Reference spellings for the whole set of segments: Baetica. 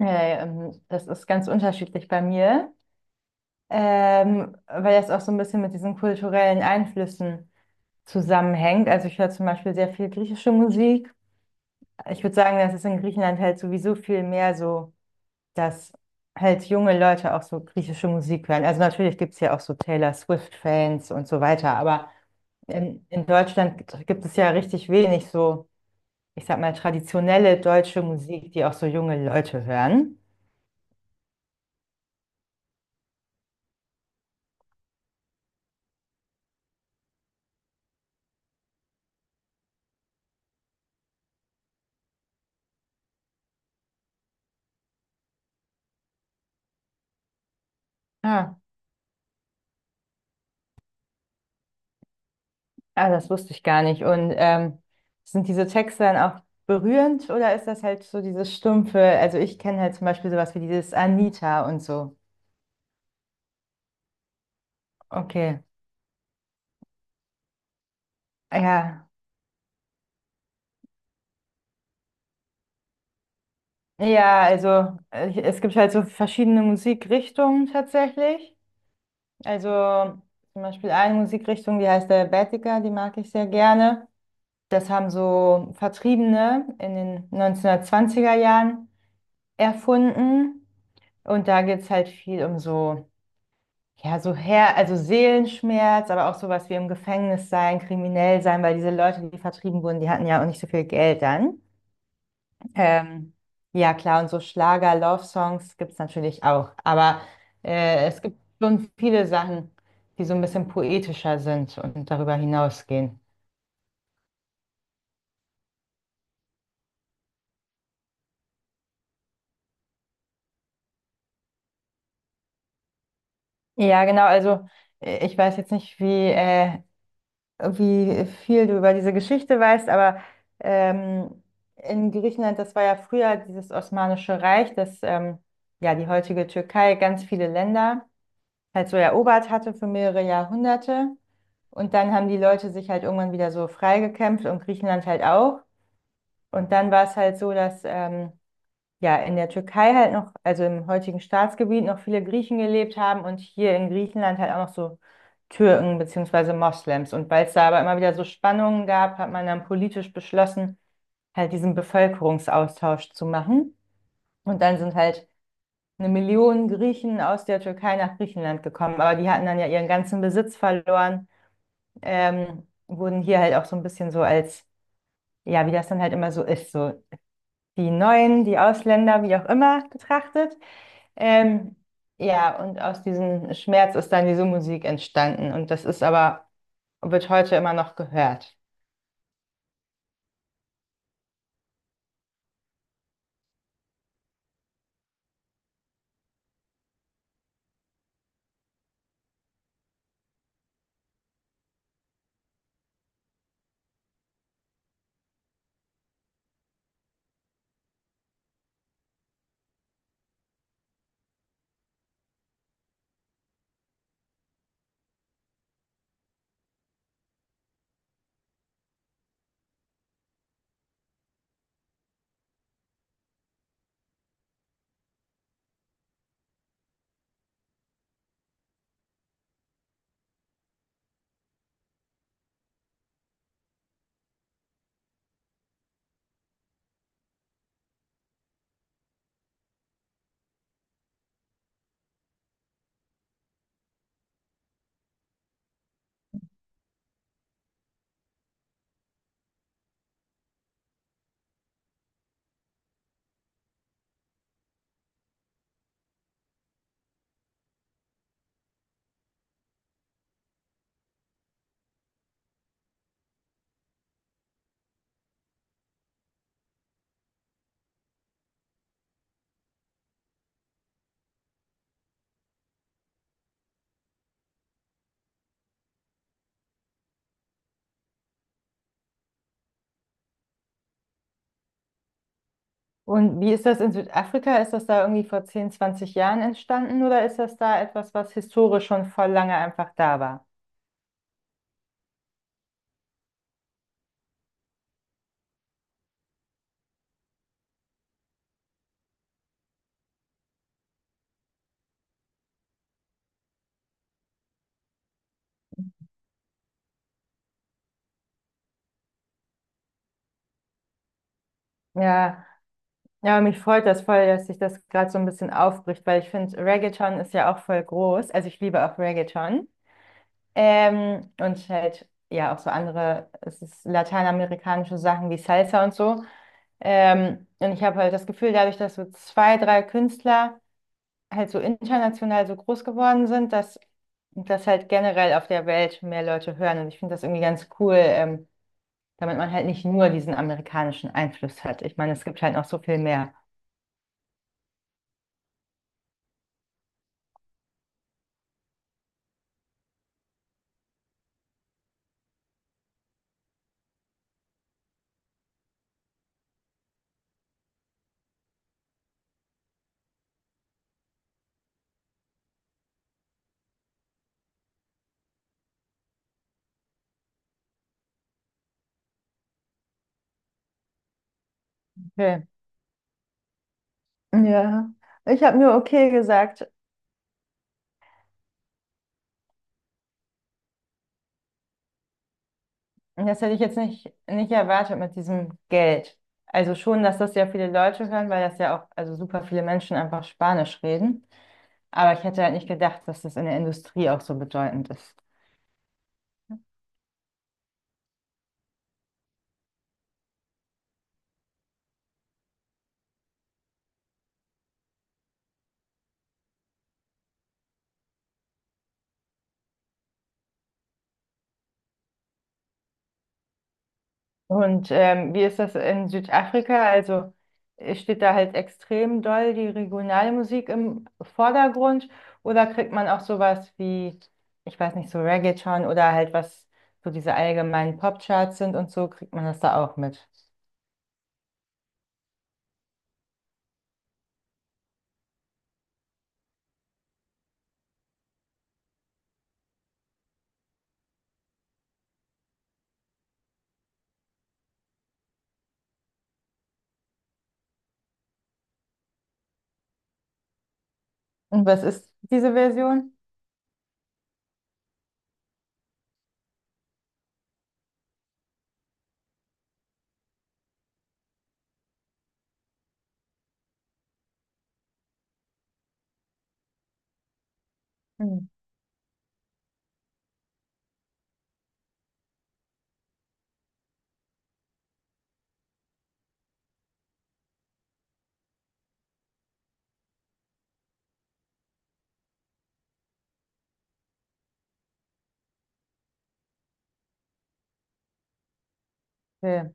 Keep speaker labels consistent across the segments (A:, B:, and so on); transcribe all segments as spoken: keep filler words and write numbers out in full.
A: Ja, ja, ähm, das ist ganz unterschiedlich bei mir, ähm, weil das auch so ein bisschen mit diesen kulturellen Einflüssen zusammenhängt. Also ich höre zum Beispiel sehr viel griechische Musik. Ich würde sagen, das ist in Griechenland halt sowieso viel mehr so, dass halt junge Leute auch so griechische Musik hören. Also natürlich gibt es ja auch so Taylor Swift-Fans und so weiter, aber in, in Deutschland gibt gibt es ja richtig wenig so, ich sag mal, traditionelle deutsche Musik, die auch so junge Leute hören. Ah. Ah, das wusste ich gar nicht. Und ähm, sind diese Texte dann auch berührend oder ist das halt so dieses stumpfe? Also ich kenne halt zum Beispiel sowas wie dieses Anita und so. Okay. Ja. Ja, also äh, es gibt halt so verschiedene Musikrichtungen tatsächlich. Also zum Beispiel eine Musikrichtung, die heißt der Baetica, die mag ich sehr gerne. Das haben so Vertriebene in den neunzehnhundertzwanziger Jahren erfunden. Und da geht es halt viel um so. Ja, so Her also Seelenschmerz, aber auch sowas wie im Gefängnis sein, kriminell sein, weil diese Leute, die vertrieben wurden, die hatten ja auch nicht so viel Geld dann. Ähm, ja, klar, und so Schlager, Love-Songs gibt es natürlich auch. Aber äh, es gibt schon viele Sachen, die so ein bisschen poetischer sind und darüber hinausgehen. Ja, genau, also äh, ich weiß jetzt nicht, wie äh, wie viel du über diese Geschichte weißt, aber ähm, in Griechenland, das war ja früher dieses Osmanische Reich, das ähm, ja die heutige Türkei ganz viele Länder halt so erobert hatte für mehrere Jahrhunderte. Und dann haben die Leute sich halt irgendwann wieder so freigekämpft und Griechenland halt auch. Und dann war es halt so, dass ähm, ja, in der Türkei halt noch, also im heutigen Staatsgebiet noch viele Griechen gelebt haben und hier in Griechenland halt auch noch so Türken beziehungsweise Moslems. Und weil es da aber immer wieder so Spannungen gab, hat man dann politisch beschlossen, halt diesen Bevölkerungsaustausch zu machen. Und dann sind halt eine Million Griechen aus der Türkei nach Griechenland gekommen, aber die hatten dann ja ihren ganzen Besitz verloren, ähm, wurden hier halt auch so ein bisschen so als, ja, wie das dann halt immer so ist, so die Neuen, die Ausländer, wie auch immer betrachtet. Ähm, ja, und aus diesem Schmerz ist dann diese Musik entstanden und das ist aber, wird heute immer noch gehört. Und wie ist das in Südafrika? Ist das da irgendwie vor zehn zwanzig Jahren entstanden oder ist das da etwas, was historisch schon voll lange einfach da war? Ja, ja, mich freut das voll, dass sich das gerade so ein bisschen aufbricht, weil ich finde, Reggaeton ist ja auch voll groß. Also ich liebe auch Reggaeton. Ähm, und halt, ja, auch so andere, es ist lateinamerikanische Sachen wie Salsa und so. Ähm, und ich habe halt das Gefühl, dadurch, dass so zwei, drei Künstler halt so international so groß geworden sind, dass das halt generell auf der Welt mehr Leute hören. Und ich finde das irgendwie ganz cool, ähm, damit man halt nicht nur diesen amerikanischen Einfluss hat. Ich meine, es gibt halt noch so viel mehr. Okay. Ja, ich habe nur okay gesagt. Das hätte ich jetzt nicht, nicht erwartet mit diesem Geld. Also schon, dass das ja viele Leute hören, weil das ja auch, also super viele Menschen einfach Spanisch reden. Aber ich hätte halt nicht gedacht, dass das in der Industrie auch so bedeutend ist. Und ähm, wie ist das in Südafrika? Also äh, steht da halt extrem doll die regionale Musik im Vordergrund oder kriegt man auch sowas wie, ich weiß nicht, so Reggaeton oder halt was so diese allgemeinen Popcharts sind und so, kriegt man das da auch mit? Und was ist diese Version? Hm, okay.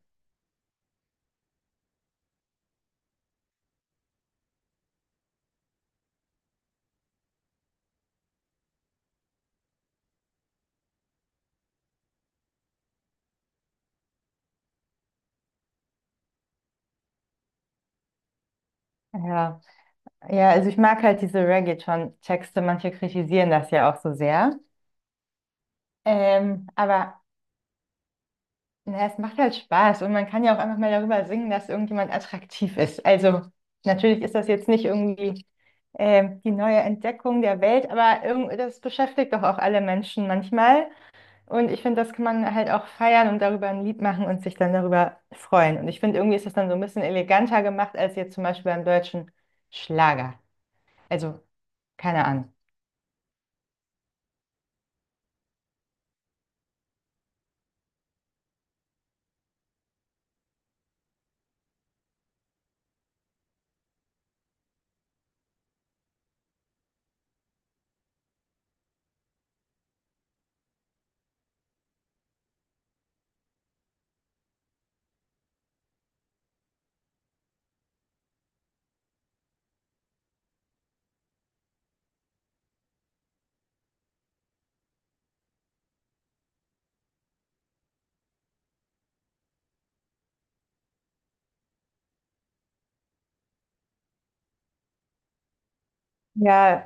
A: Ja. Ja, also ich mag halt diese Reggaeton-Texte, manche kritisieren das ja auch so sehr. Ähm, aber Na, es macht halt Spaß und man kann ja auch einfach mal darüber singen, dass irgendjemand attraktiv ist. Also natürlich ist das jetzt nicht irgendwie ähm, die neue Entdeckung der Welt, aber irgendwie, das beschäftigt doch auch alle Menschen manchmal. Und ich finde, das kann man halt auch feiern und darüber ein Lied machen und sich dann darüber freuen. Und ich finde, irgendwie ist das dann so ein bisschen eleganter gemacht als jetzt zum Beispiel beim deutschen Schlager. Also keine Ahnung. Ja,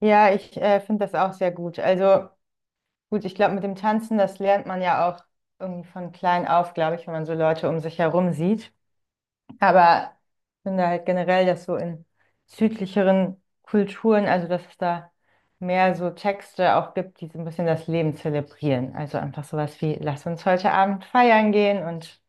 A: ja, ich äh, finde das auch sehr gut. Also Gut, ich glaube, mit dem Tanzen, das lernt man ja auch irgendwie von klein auf, glaube ich, wenn man so Leute um sich herum sieht. Aber ich finde halt generell, dass so in südlicheren Kulturen, also dass es da mehr so Texte auch gibt, die so ein bisschen das Leben zelebrieren. Also einfach sowas wie, lass uns heute Abend feiern gehen und